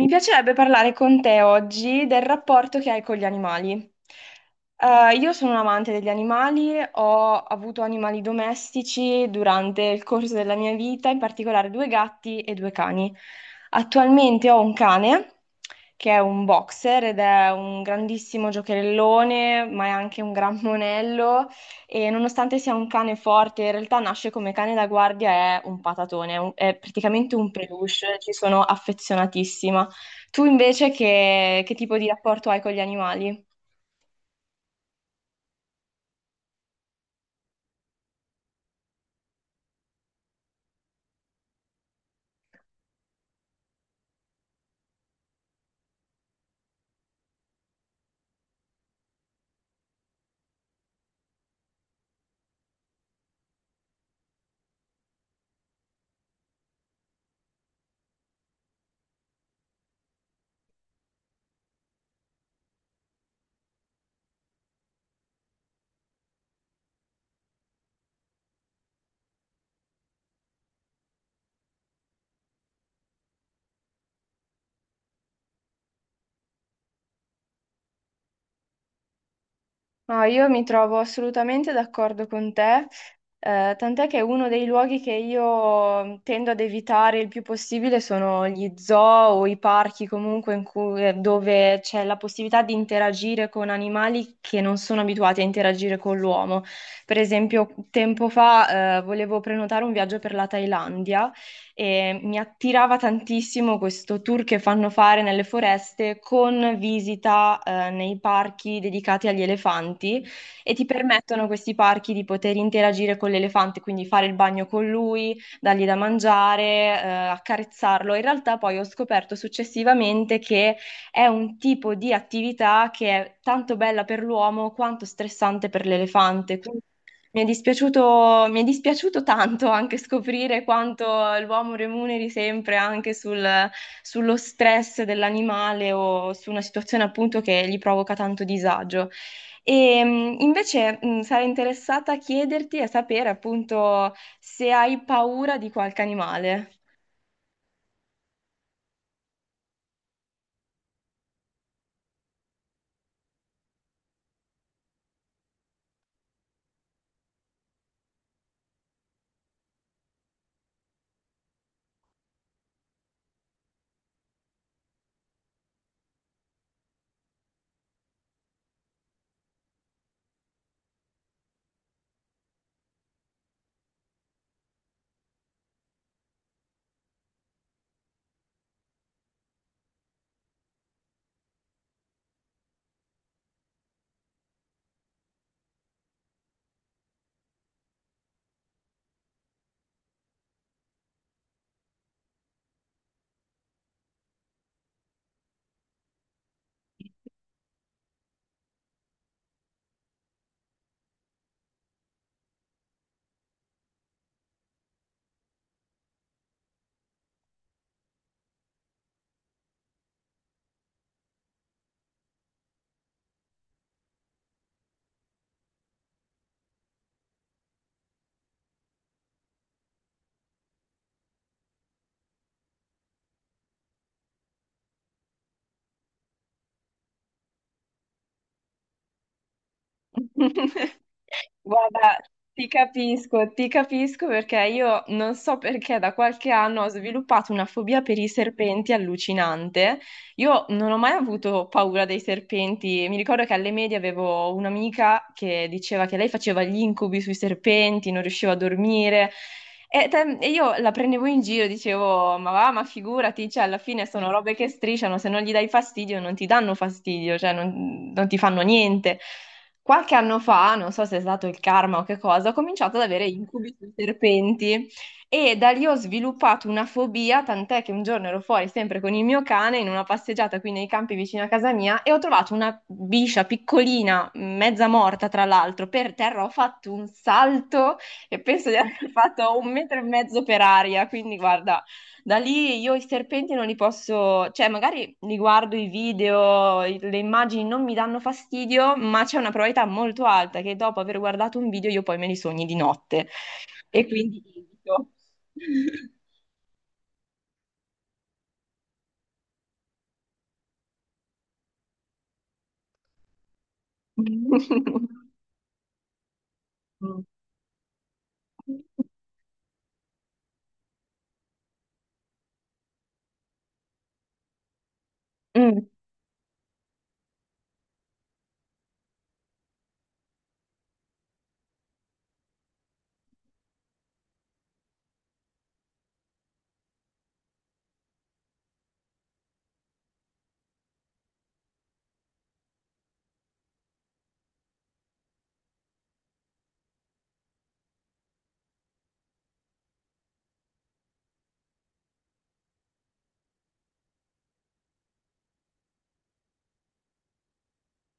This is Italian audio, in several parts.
Mi piacerebbe parlare con te oggi del rapporto che hai con gli animali. Io sono un amante degli animali, ho avuto animali domestici durante il corso della mia vita, in particolare due gatti e due cani. Attualmente ho un cane che è un boxer ed è un grandissimo giocherellone, ma è anche un gran monello e nonostante sia un cane forte, in realtà nasce come cane da guardia, è un patatone, è praticamente un peluche, ci sono affezionatissima. Tu invece che tipo di rapporto hai con gli animali? No, io mi trovo assolutamente d'accordo con te, tant'è che uno dei luoghi che io tendo ad evitare il più possibile sono gli zoo o i parchi comunque dove c'è la possibilità di interagire con animali che non sono abituati a interagire con l'uomo. Per esempio, tempo fa, volevo prenotare un viaggio per la Thailandia. E mi attirava tantissimo questo tour che fanno fare nelle foreste con visita, nei parchi dedicati agli elefanti e ti permettono questi parchi di poter interagire con l'elefante, quindi fare il bagno con lui, dargli da mangiare, accarezzarlo. In realtà poi ho scoperto successivamente che è un tipo di attività che è tanto bella per l'uomo quanto stressante per l'elefante. Mi è dispiaciuto tanto anche scoprire quanto l'uomo remuneri sempre anche sullo stress dell'animale o su una situazione appunto che gli provoca tanto disagio. E invece sarei interessata a chiederti e a sapere appunto se hai paura di qualche animale. Guarda, ti capisco perché io non so perché da qualche anno ho sviluppato una fobia per i serpenti allucinante. Io non ho mai avuto paura dei serpenti. Mi ricordo che alle medie avevo un'amica che diceva che lei faceva gli incubi sui serpenti, non riusciva a dormire. E io la prendevo in giro, dicevo, ma va, ma figurati, cioè alla fine sono robe che strisciano, se non gli dai fastidio non ti danno fastidio, cioè non ti fanno niente. Qualche anno fa, non so se è stato il karma o che cosa, ho cominciato ad avere incubi sui serpenti e da lì ho sviluppato una fobia, tant'è che un giorno ero fuori sempre con il mio cane in una passeggiata qui nei campi vicino a casa mia e ho trovato una biscia piccolina, mezza morta tra l'altro, per terra. Ho fatto un salto e penso di aver fatto un metro e mezzo per aria, quindi guarda, da lì io i serpenti non li posso, cioè magari li guardo i video, le immagini non mi danno fastidio, ma c'è una probabilità molto alta che dopo aver guardato un video io poi me li sogni di notte e quindi evito. Mm. Mm.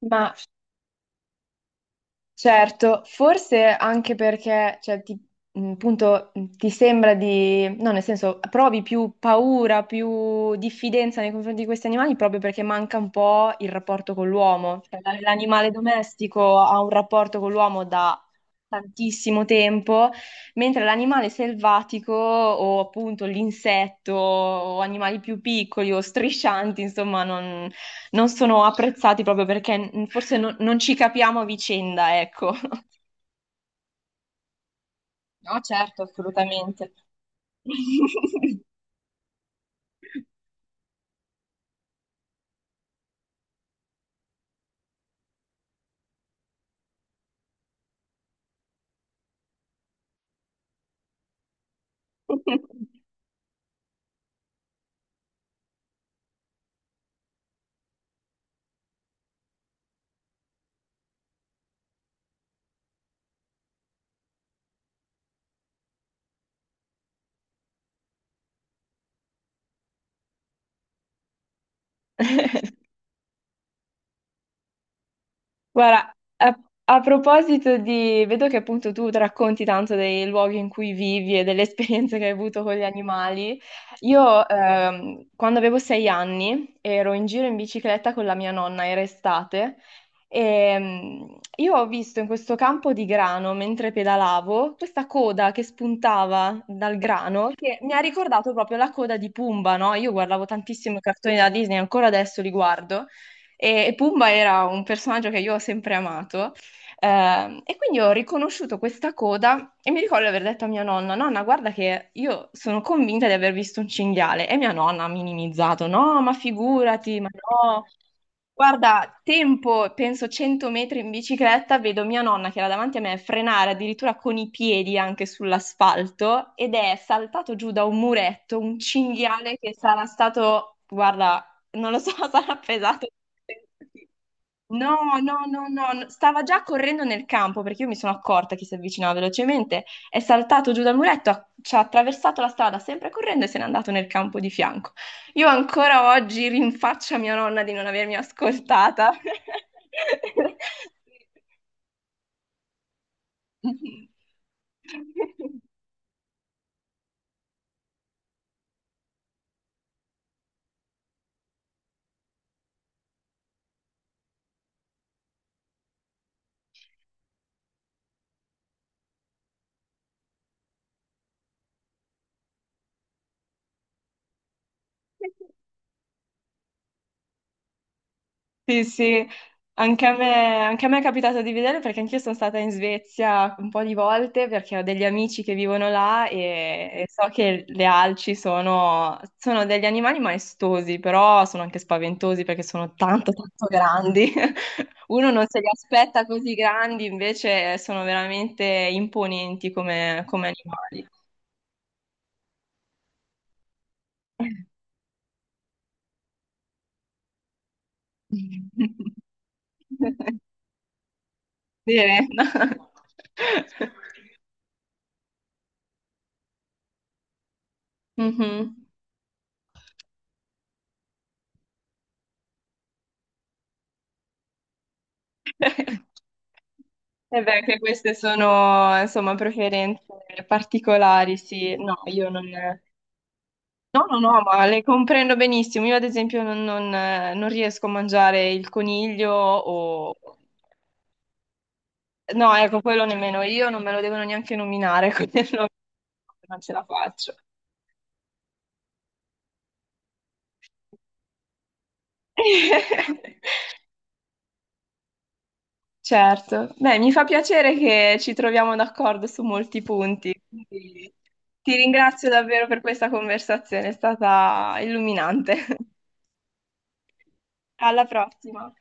Ma certo, forse anche perché, appunto, ti sembra di, no, nel senso, provi più paura, più diffidenza nei confronti di questi animali proprio perché manca un po' il rapporto con l'uomo. Cioè, l'animale domestico ha un rapporto con l'uomo da tantissimo tempo, mentre l'animale selvatico o appunto l'insetto o animali più piccoli o striscianti, insomma, non sono apprezzati proprio perché forse non ci capiamo a vicenda, ecco. No, certo, assolutamente. Guarda, a, a proposito di vedo che appunto tu racconti tanto dei luoghi in cui vivi e delle esperienze che hai avuto con gli animali. Io quando avevo sei anni ero in giro in bicicletta con la mia nonna, era estate, e io ho visto in questo campo di grano, mentre pedalavo, questa coda che spuntava dal grano, che mi ha ricordato proprio la coda di Pumba, no? Io guardavo tantissimo i cartoni da Disney, ancora adesso li guardo. E Pumba era un personaggio che io ho sempre amato. E quindi ho riconosciuto questa coda e mi ricordo di aver detto a mia nonna: Nonna, guarda che io sono convinta di aver visto un cinghiale. E mia nonna ha minimizzato: No, ma figurati, ma no. Guarda, tempo, penso 100 metri in bicicletta, vedo mia nonna che era davanti a me frenare addirittura con i piedi anche sull'asfalto ed è saltato giù da un muretto un cinghiale che sarà stato, guarda, non lo so, sarà pesato. No, no, no, no, no, stava già correndo nel campo perché io mi sono accorta che si avvicinava velocemente, è saltato giù dal muretto, ci ha attraversato la strada sempre correndo e se n'è andato nel campo di fianco. Io ancora oggi rinfaccio a mia nonna di non avermi ascoltata. Mhm. Sì, sì, anche a me è capitato di vederlo perché anch'io sono stata in Svezia un po' di volte perché ho degli amici che vivono là e so che le alci sono, sono degli animali maestosi, però sono anche spaventosi perché sono tanto, tanto grandi. Uno non se li aspetta così grandi, invece sono veramente imponenti come, come animali. Bene. Mhm. E beh, anche queste sono, insomma, preferenze particolari, sì. No, io non... No, no, no, ma le comprendo benissimo. Io, ad esempio, non riesco a mangiare il coniglio o... No, ecco, quello nemmeno io, non me lo devono neanche nominare, quindi non ce la faccio. Certo, beh, mi fa piacere che ci troviamo d'accordo su molti punti. Quindi ti ringrazio davvero per questa conversazione, è stata illuminante. Alla prossima.